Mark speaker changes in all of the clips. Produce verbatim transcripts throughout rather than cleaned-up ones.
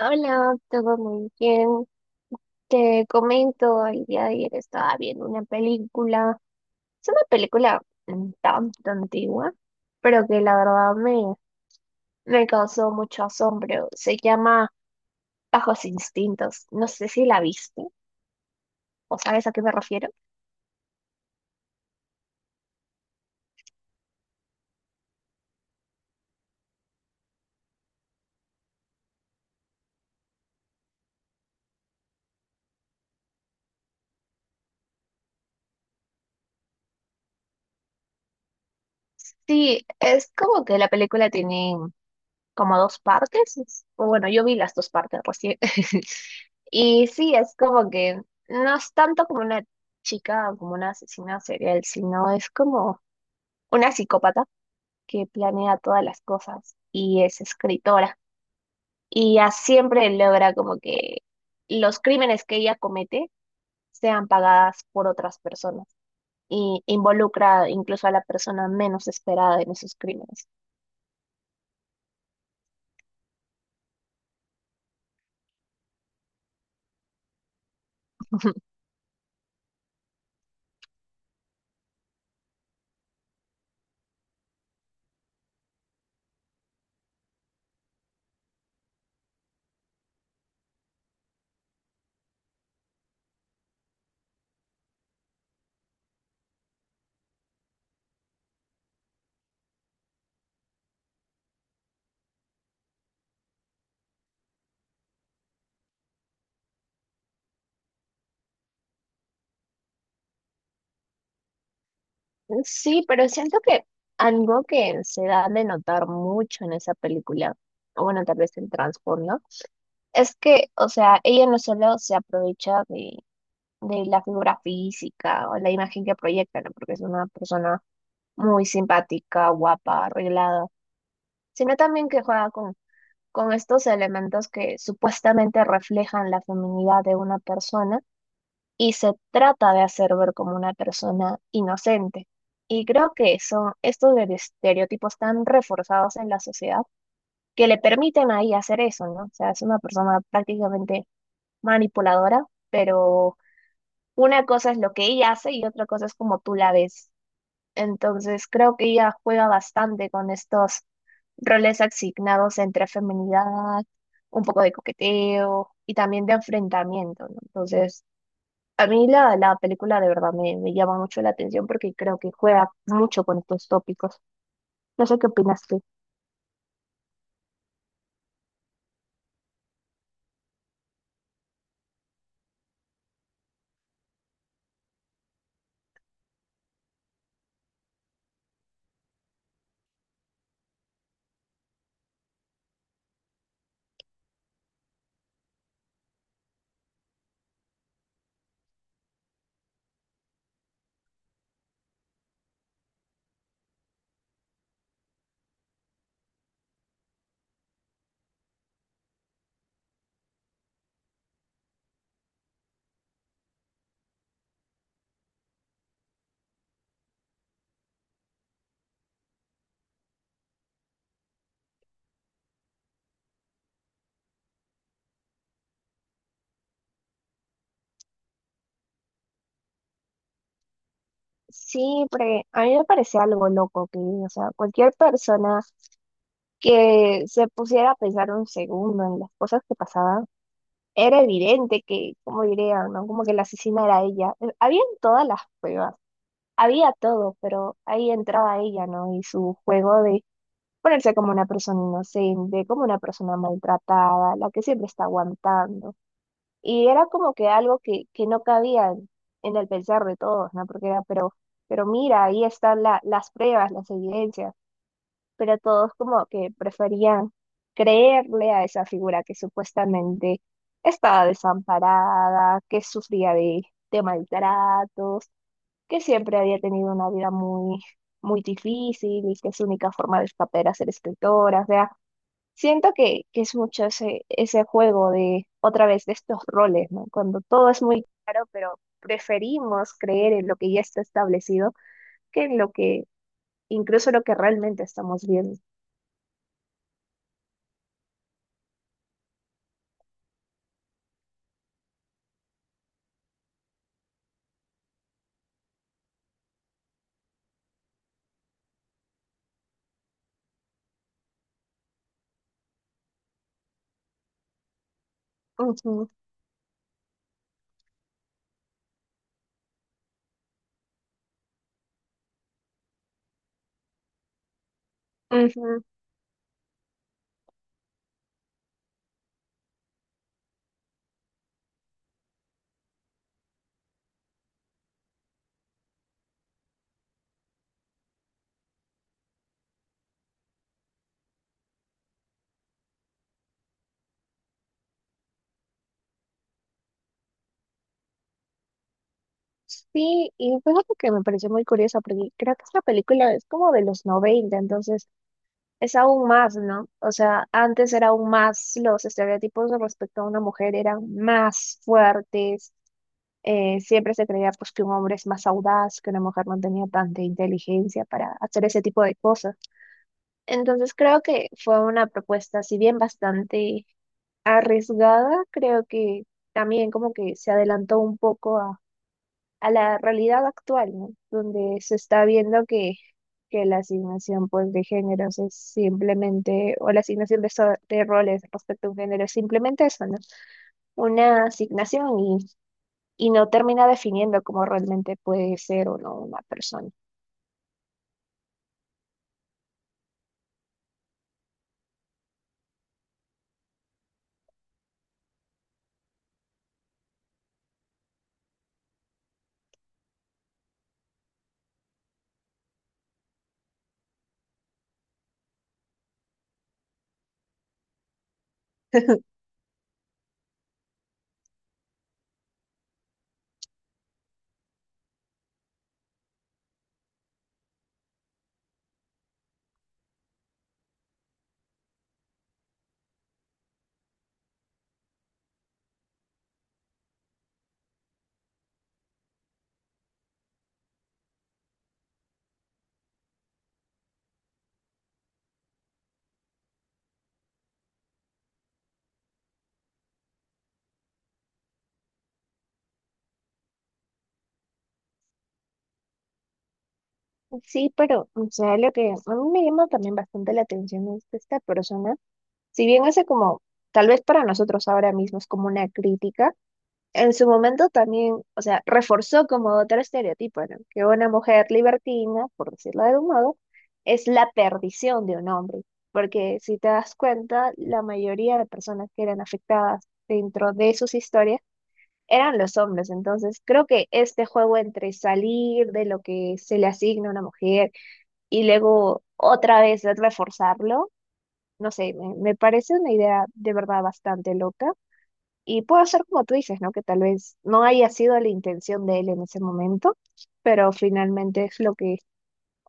Speaker 1: Hola, todo muy bien. Te comento, el día de ayer estaba viendo una película. Es una película mm, tan antigua, pero que la verdad me, me causó mucho asombro. Se llama Bajos Instintos. ¿No sé si la viste o sabes a qué me refiero? Sí, es como que la película tiene como dos partes. O bueno, yo vi las dos partes recién. Y sí, es como que no es tanto como una chica o como una asesina serial, sino es como una psicópata que planea todas las cosas y es escritora. Y ya siempre logra como que los crímenes que ella comete sean pagadas por otras personas. Y involucra incluso a la persona menos esperada en esos crímenes. Sí, pero siento que algo que se da de notar mucho en esa película, o bueno, tal vez en Transformers, es que, o sea, ella no solo se aprovecha de, de la figura física o la imagen que proyecta, ¿no? Porque es una persona muy simpática, guapa, arreglada, sino también que juega con, con estos elementos que supuestamente reflejan la feminidad de una persona y se trata de hacer ver como una persona inocente. Y creo que son estos de- de estereotipos tan reforzados en la sociedad que le permiten ahí hacer eso, ¿no? O sea, es una persona prácticamente manipuladora, pero una cosa es lo que ella hace y otra cosa es como tú la ves. Entonces creo que ella juega bastante con estos roles asignados entre feminidad, un poco de coqueteo y también de enfrentamiento, ¿no? Entonces, a mí la, la película de verdad me, me llama mucho la atención porque creo que juega mucho con estos tópicos. No sé qué opinas tú. Sí, porque a mí me parece algo loco que, o sea, cualquier persona que se pusiera a pensar un segundo en las cosas que pasaban, era evidente que, como dirían, ¿no? Como que la asesina era ella. Eh, Habían todas las pruebas, había todo, pero ahí entraba ella, ¿no? Y su juego de ponerse como una persona inocente, como una persona maltratada, la que siempre está aguantando. Y era como que algo que, que no cabía en, en el pensar de todos, ¿no? Porque era, pero, pero mira, ahí están la- las pruebas, las evidencias, pero todos como que preferían creerle a esa figura que supuestamente estaba desamparada, que sufría de, de maltratos, que siempre había tenido una vida muy, muy difícil y que su única forma de escapar era ser escritora. O sea, siento que, que es mucho ese, ese juego de, otra vez, de estos roles, ¿no? Cuando todo es muy claro, pero preferimos creer en lo que ya está establecido que en lo que, incluso lo que realmente estamos viendo. Ujú. Ujú. Sí, y fíjate que me pareció muy curiosa porque creo que esta película es como de los noventa, entonces es aún más, ¿no? O sea, antes era aún más, los estereotipos respecto a una mujer eran más fuertes, eh, siempre se creía pues que un hombre es más audaz, que una mujer no tenía tanta inteligencia para hacer ese tipo de cosas. Entonces creo que fue una propuesta, si bien bastante arriesgada, creo que también como que se adelantó un poco a la realidad actual, ¿no? Donde se está viendo que, que la asignación pues, de géneros es simplemente, o la asignación de, so- de roles respecto a un género es simplemente eso, ¿no? Una asignación y, y no termina definiendo cómo realmente puede ser o no una persona. Sí, pero, o sea, lo que a mí me llama también bastante la atención es que esta persona, si bien hace como, tal vez para nosotros ahora mismo es como una crítica, en su momento también, o sea, reforzó como otro estereotipo, ¿no? Que una mujer libertina, por decirlo de algún modo, es la perdición de un hombre. Porque si te das cuenta, la mayoría de personas que eran afectadas dentro de sus historias eran los hombres. Entonces, creo que este juego entre salir de lo que se le asigna a una mujer y luego otra vez reforzarlo, no sé, me, me parece una idea de verdad bastante loca y puede ser como tú dices, ¿no? Que tal vez no haya sido la intención de él en ese momento, pero finalmente es lo que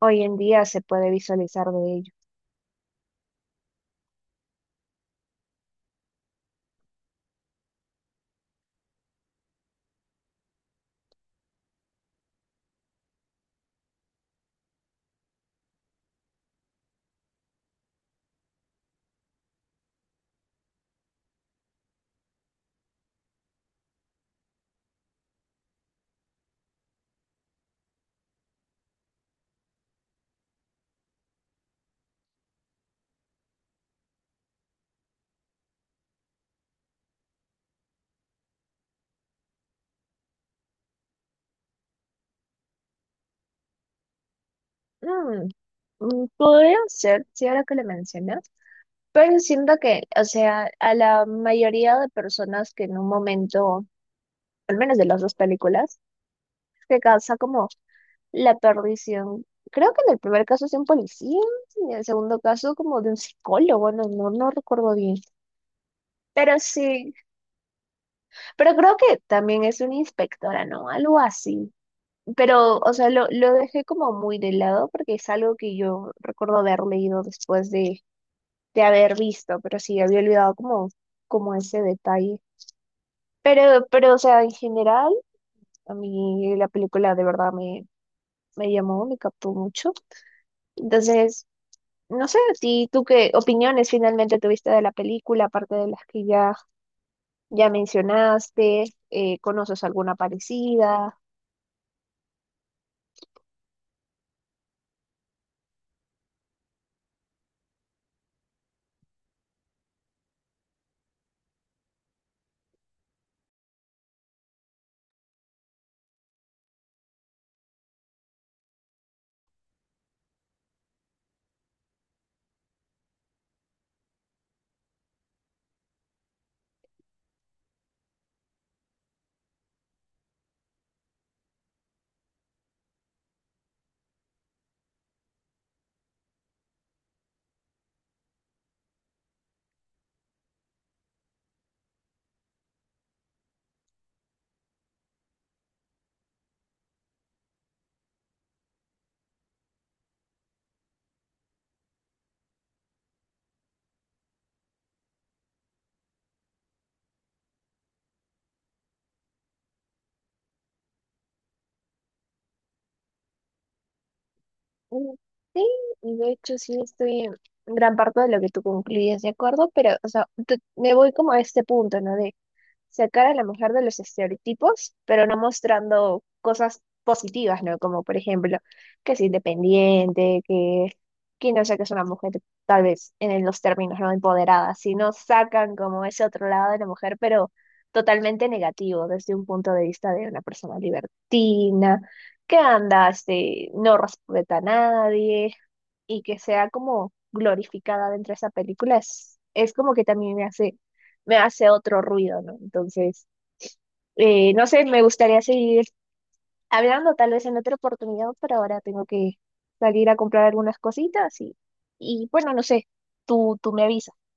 Speaker 1: hoy en día se puede visualizar de ello. Mm, mm, podría ser, sí, ahora que lo mencionas, pero siento que, o sea, a la mayoría de personas que en un momento, al menos de las dos películas, se causa como la perdición. Creo que en el primer caso es de un policía, y en el segundo caso como de un psicólogo, no, no, no recuerdo bien. Pero sí. Pero creo que también es una inspectora, ¿no? Algo así. Pero, o sea, lo, lo dejé como muy de lado porque es algo que yo recuerdo haber leído después de, de haber visto, pero sí, había olvidado como, como ese detalle. Pero, pero, o sea, en general, a mí la película de verdad me, me llamó, me captó mucho. Entonces, no sé, a ti, ¿tú qué opiniones finalmente tuviste de la película, aparte de las que ya, ya mencionaste? Eh, ¿conoces alguna parecida? Mm, sí, y de hecho sí estoy en gran parte de lo que tú concluyes, ¿de acuerdo? Pero, o sea, te- me voy como a este punto, ¿no? Sacar a la mujer de los estereotipos, pero no mostrando cosas positivas, ¿no? Como por ejemplo, que es independiente, que, que no sé, que es una mujer tal vez en los términos no empoderada, sino sacan como ese otro lado de la mujer, pero totalmente negativo desde un punto de vista de una persona libertina, que anda, este, no respeta a nadie y que sea como glorificada dentro de esa película es, es como que también me hace, me hace otro ruido, ¿no? Entonces, eh, no sé, me gustaría seguir hablando tal vez en otra oportunidad, pero ahora tengo que salir a comprar algunas cositas y, y bueno, no sé, tú, tú me avisas.